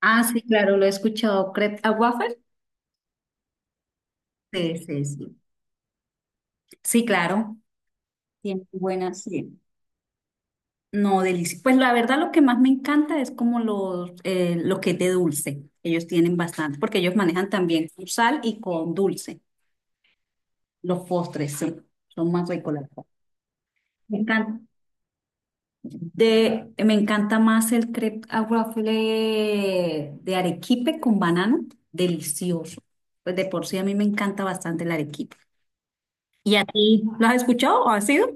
Ah, sí, claro, lo he escuchado. ¿Crepe a waffle? Sí, sí, sí. Sí, claro. Tiene buenas, sí. No, delicioso. Pues la verdad lo que más me encanta es como lo que es de dulce. Ellos tienen bastante, porque ellos manejan también con sal y con dulce. Los postres, sí. Son más ricos, la verdad. Me encanta. Me encanta más el crepe a waffle de arequipe con banano. Delicioso. Pues de por sí a mí me encanta bastante el arequipe. ¿Y a ti? ¿Lo has escuchado o has ido?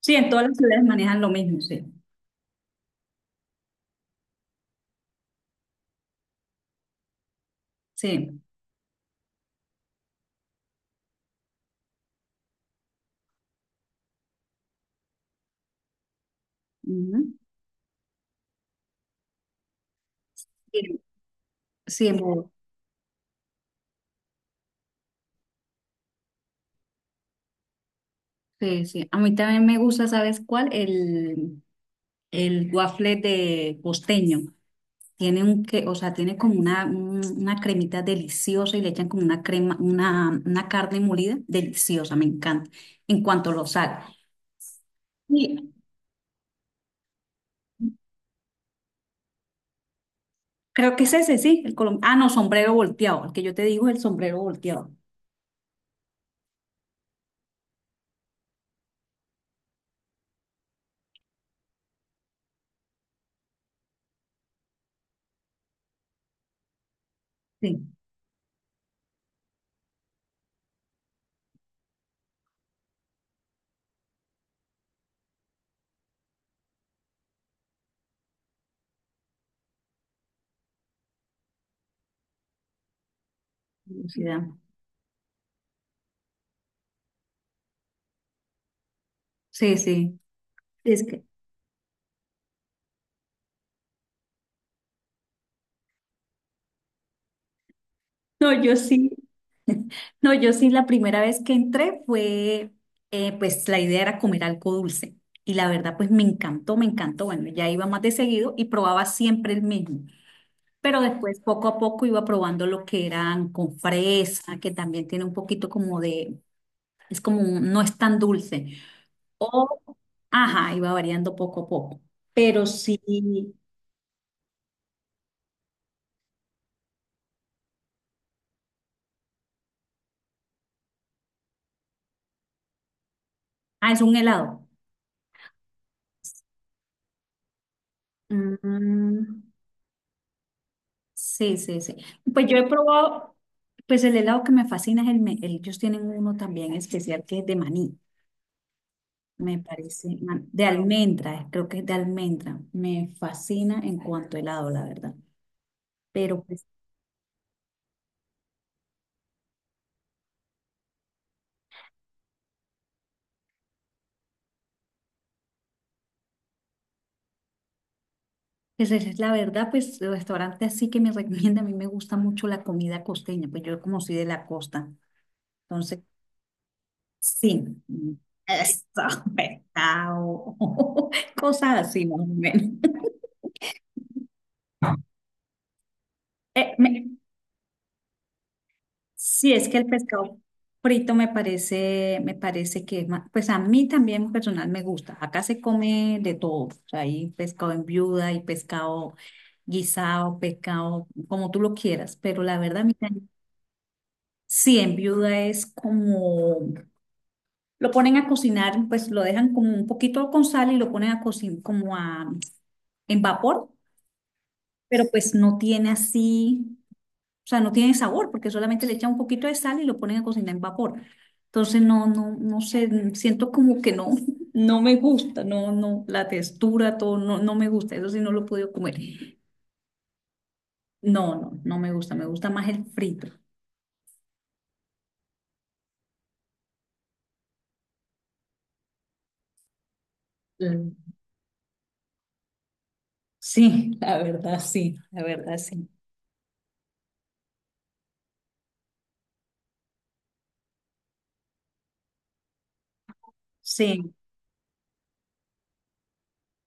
Sí, en todas las ciudades manejan lo mismo, sí. Sí. Ujú. Sí, sí, mo- sí, sí. A mí también me gusta, ¿sabes cuál? El waffle de costeño. Tiene un que, o sea, tiene como una cremita deliciosa y le echan como una crema, una carne molida deliciosa, me encanta. En cuanto lo sal. Y creo que es ese, sí, ah, no, sombrero volteado. El que yo te digo es el sombrero volteado. Sí, curiosidad. Sí, sí, sí. Es que, no, yo sí. No, yo sí, la primera vez que entré fue, pues la idea era comer algo dulce. Y la verdad, pues me encantó, me encantó. Bueno, ya iba más de seguido y probaba siempre el mismo. Pero después, poco a poco, iba probando lo que eran con fresa, que también tiene un poquito como de, es como, no es tan dulce. O, ajá, iba variando poco a poco. Pero sí, ah, es un helado. Mm. Sí, sí, sí. Pues yo he probado, pues el helado que me fascina es ellos tienen uno también especial que es de maní, me parece, de almendra, creo que es de almendra. Me fascina en cuanto a helado, la verdad. Pero pues, pues esa es la verdad, pues el restaurante así que me recomienda, a mí me gusta mucho la comida costeña, pues yo como soy de la costa, entonces sí, esto, eso, pescado, cosas así más o menos. Eh, me- Sí, es que el pescado frito me parece que, pues a mí también personal me gusta. Acá se come de todo. O sea, hay pescado en viuda, hay pescado guisado, pescado como tú lo quieras. Pero la verdad, a mí también. Sí, en viuda es como, lo ponen a cocinar, pues lo dejan como un poquito con sal y lo ponen a cocinar como a, en vapor, pero pues no tiene así. O sea, no tiene sabor porque solamente le echan un poquito de sal y lo ponen a cocinar en vapor. Entonces, no, no, no sé, siento como que no, no me gusta, no, no, la textura, todo, no, no me gusta. Eso sí, no lo he podido comer. No, no, no me gusta, me gusta más el frito. Mm, sí, la verdad, sí, la verdad, sí. Sí,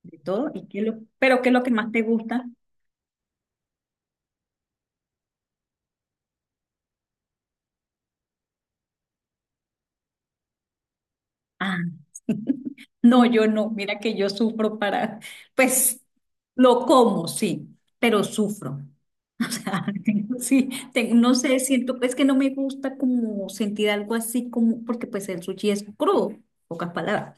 de todo. ¿Y qué es lo, pero qué es lo que más te gusta? Ah. No, yo no. Mira que yo sufro para, pues lo como, sí, pero sufro. O sea, tengo- sí, no sé, siento, pues que no me gusta como sentir algo así como, porque pues el sushi es crudo, pocas palabras.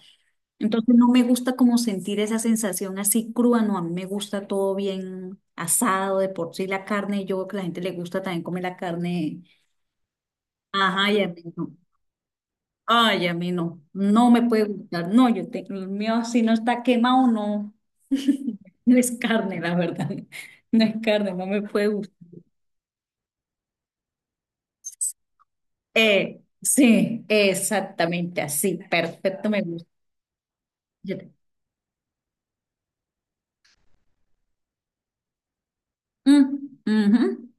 Entonces no me gusta como sentir esa sensación así cruda, no, a mí me gusta todo bien asado, de por sí la carne, yo creo que a la gente le gusta también comer la carne, ajá, y a mí no. Ay, a mí no, no me puede gustar. No, yo tengo el mío, si no está quemado, no. No es carne, la verdad. No es carne, no me puede gustar. Sí, exactamente así, perfecto, me gusta. Yo te- Mm, ujú.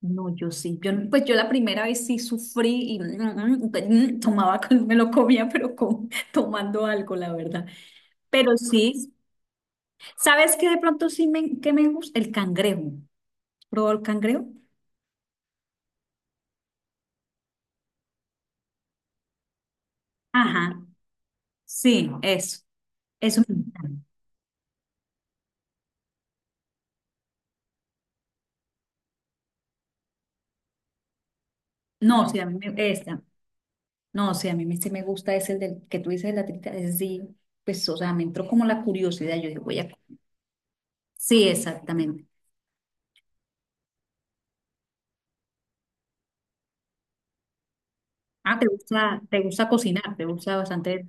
No, yo sí, yo, no- pues yo la primera vez sí sufrí y pero, tomaba, me lo comía, pero con, tomando algo, la verdad. Pero sí, ¿sabes qué de pronto sí me, que me gusta? El cangrejo. ¿Probó el cangrejo? Ajá. Sí, eso me gusta. No, sí, a mí me, esta, no, sí, a mí me, sí me gusta ese el del que tú dices de la trita, es sí, pues, o sea, me entró como la curiosidad, yo dije, voy a, sí, exactamente. Ah, te gusta cocinar, te gusta bastante,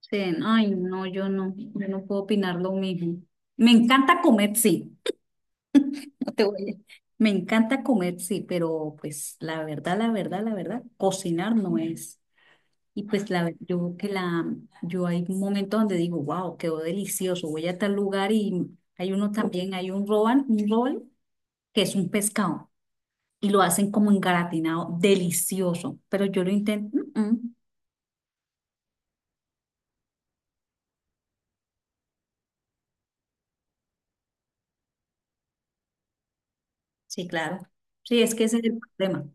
sí, no, ay, no, yo no, yo no puedo opinar lo mismo. Me encanta comer, sí, no te voy a- me encanta comer, sí, pero pues la verdad, la verdad, la verdad, cocinar no es. Y pues la, yo que la, yo hay momentos donde digo, wow, quedó delicioso, voy a tal lugar y hay uno también, hay un roll que es un pescado y lo hacen como engaratinado, delicioso, pero yo lo intento, "Mm, mm". Sí, claro, sí, es que ese es el problema.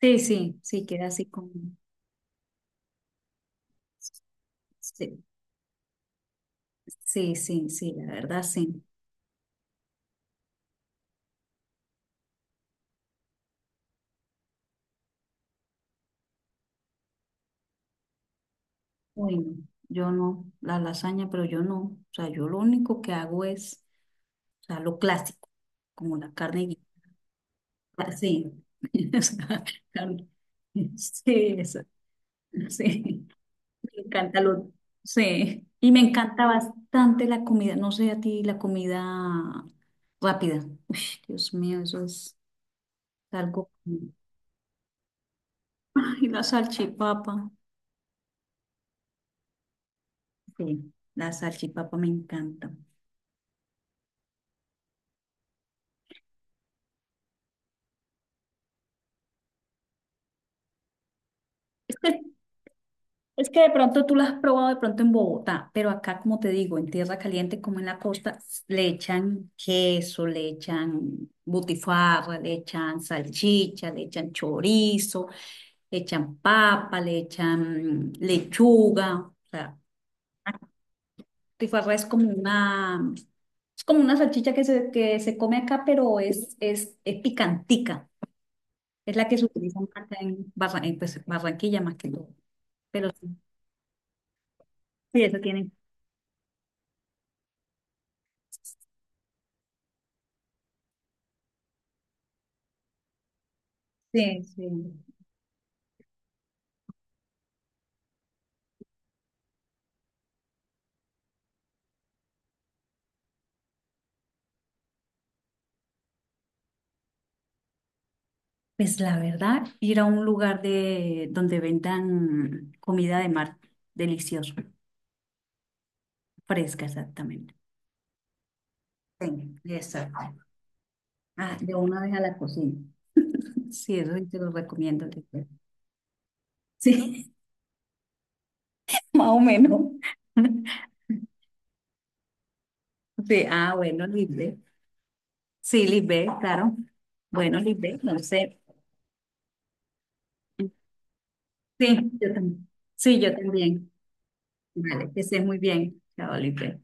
Sí, sí, sí, queda así como, sí, sí, sí, sí, la verdad, sí. Uy, no, yo no, la lasaña, pero yo no, o sea, yo lo único que hago es, o sea, lo clásico, como la carne. Ah, sí. O sea, claro. Sí, eso, sí, me encanta lo, sí, y me encanta bastante la comida, no sé a ti, la comida rápida. Uy, Dios mío, eso es algo, y la salchipapa, sí, la salchipapa me encanta. Es que de pronto tú la has probado de pronto en Bogotá, pero acá, como te digo, en tierra caliente como en la costa, le echan queso, le echan butifarra, le echan salchicha, le echan chorizo, le echan papa, le echan lechuga. O sea, butifarra es como una salchicha que se come acá, pero es picantica. Es la que se utiliza acá en, pues, Barranquilla más que todo. Pero sí, sí, eso tiene. Sí, sí. Pues la verdad, ir a un lugar de donde vendan comida de mar deliciosa, fresca exactamente. Sí, exacto. Ah, de una vez a la cocina. Sí, eso sí te lo recomiendo. Lisbeth. Sí, más o menos. Sí, ah, bueno, Lisbeth. Sí, Lisbeth, claro. Bueno, Lisbeth, no sé. Sí, yo también. Sí, yo también. Vale, que estés muy bien. Chao, Lisbeth.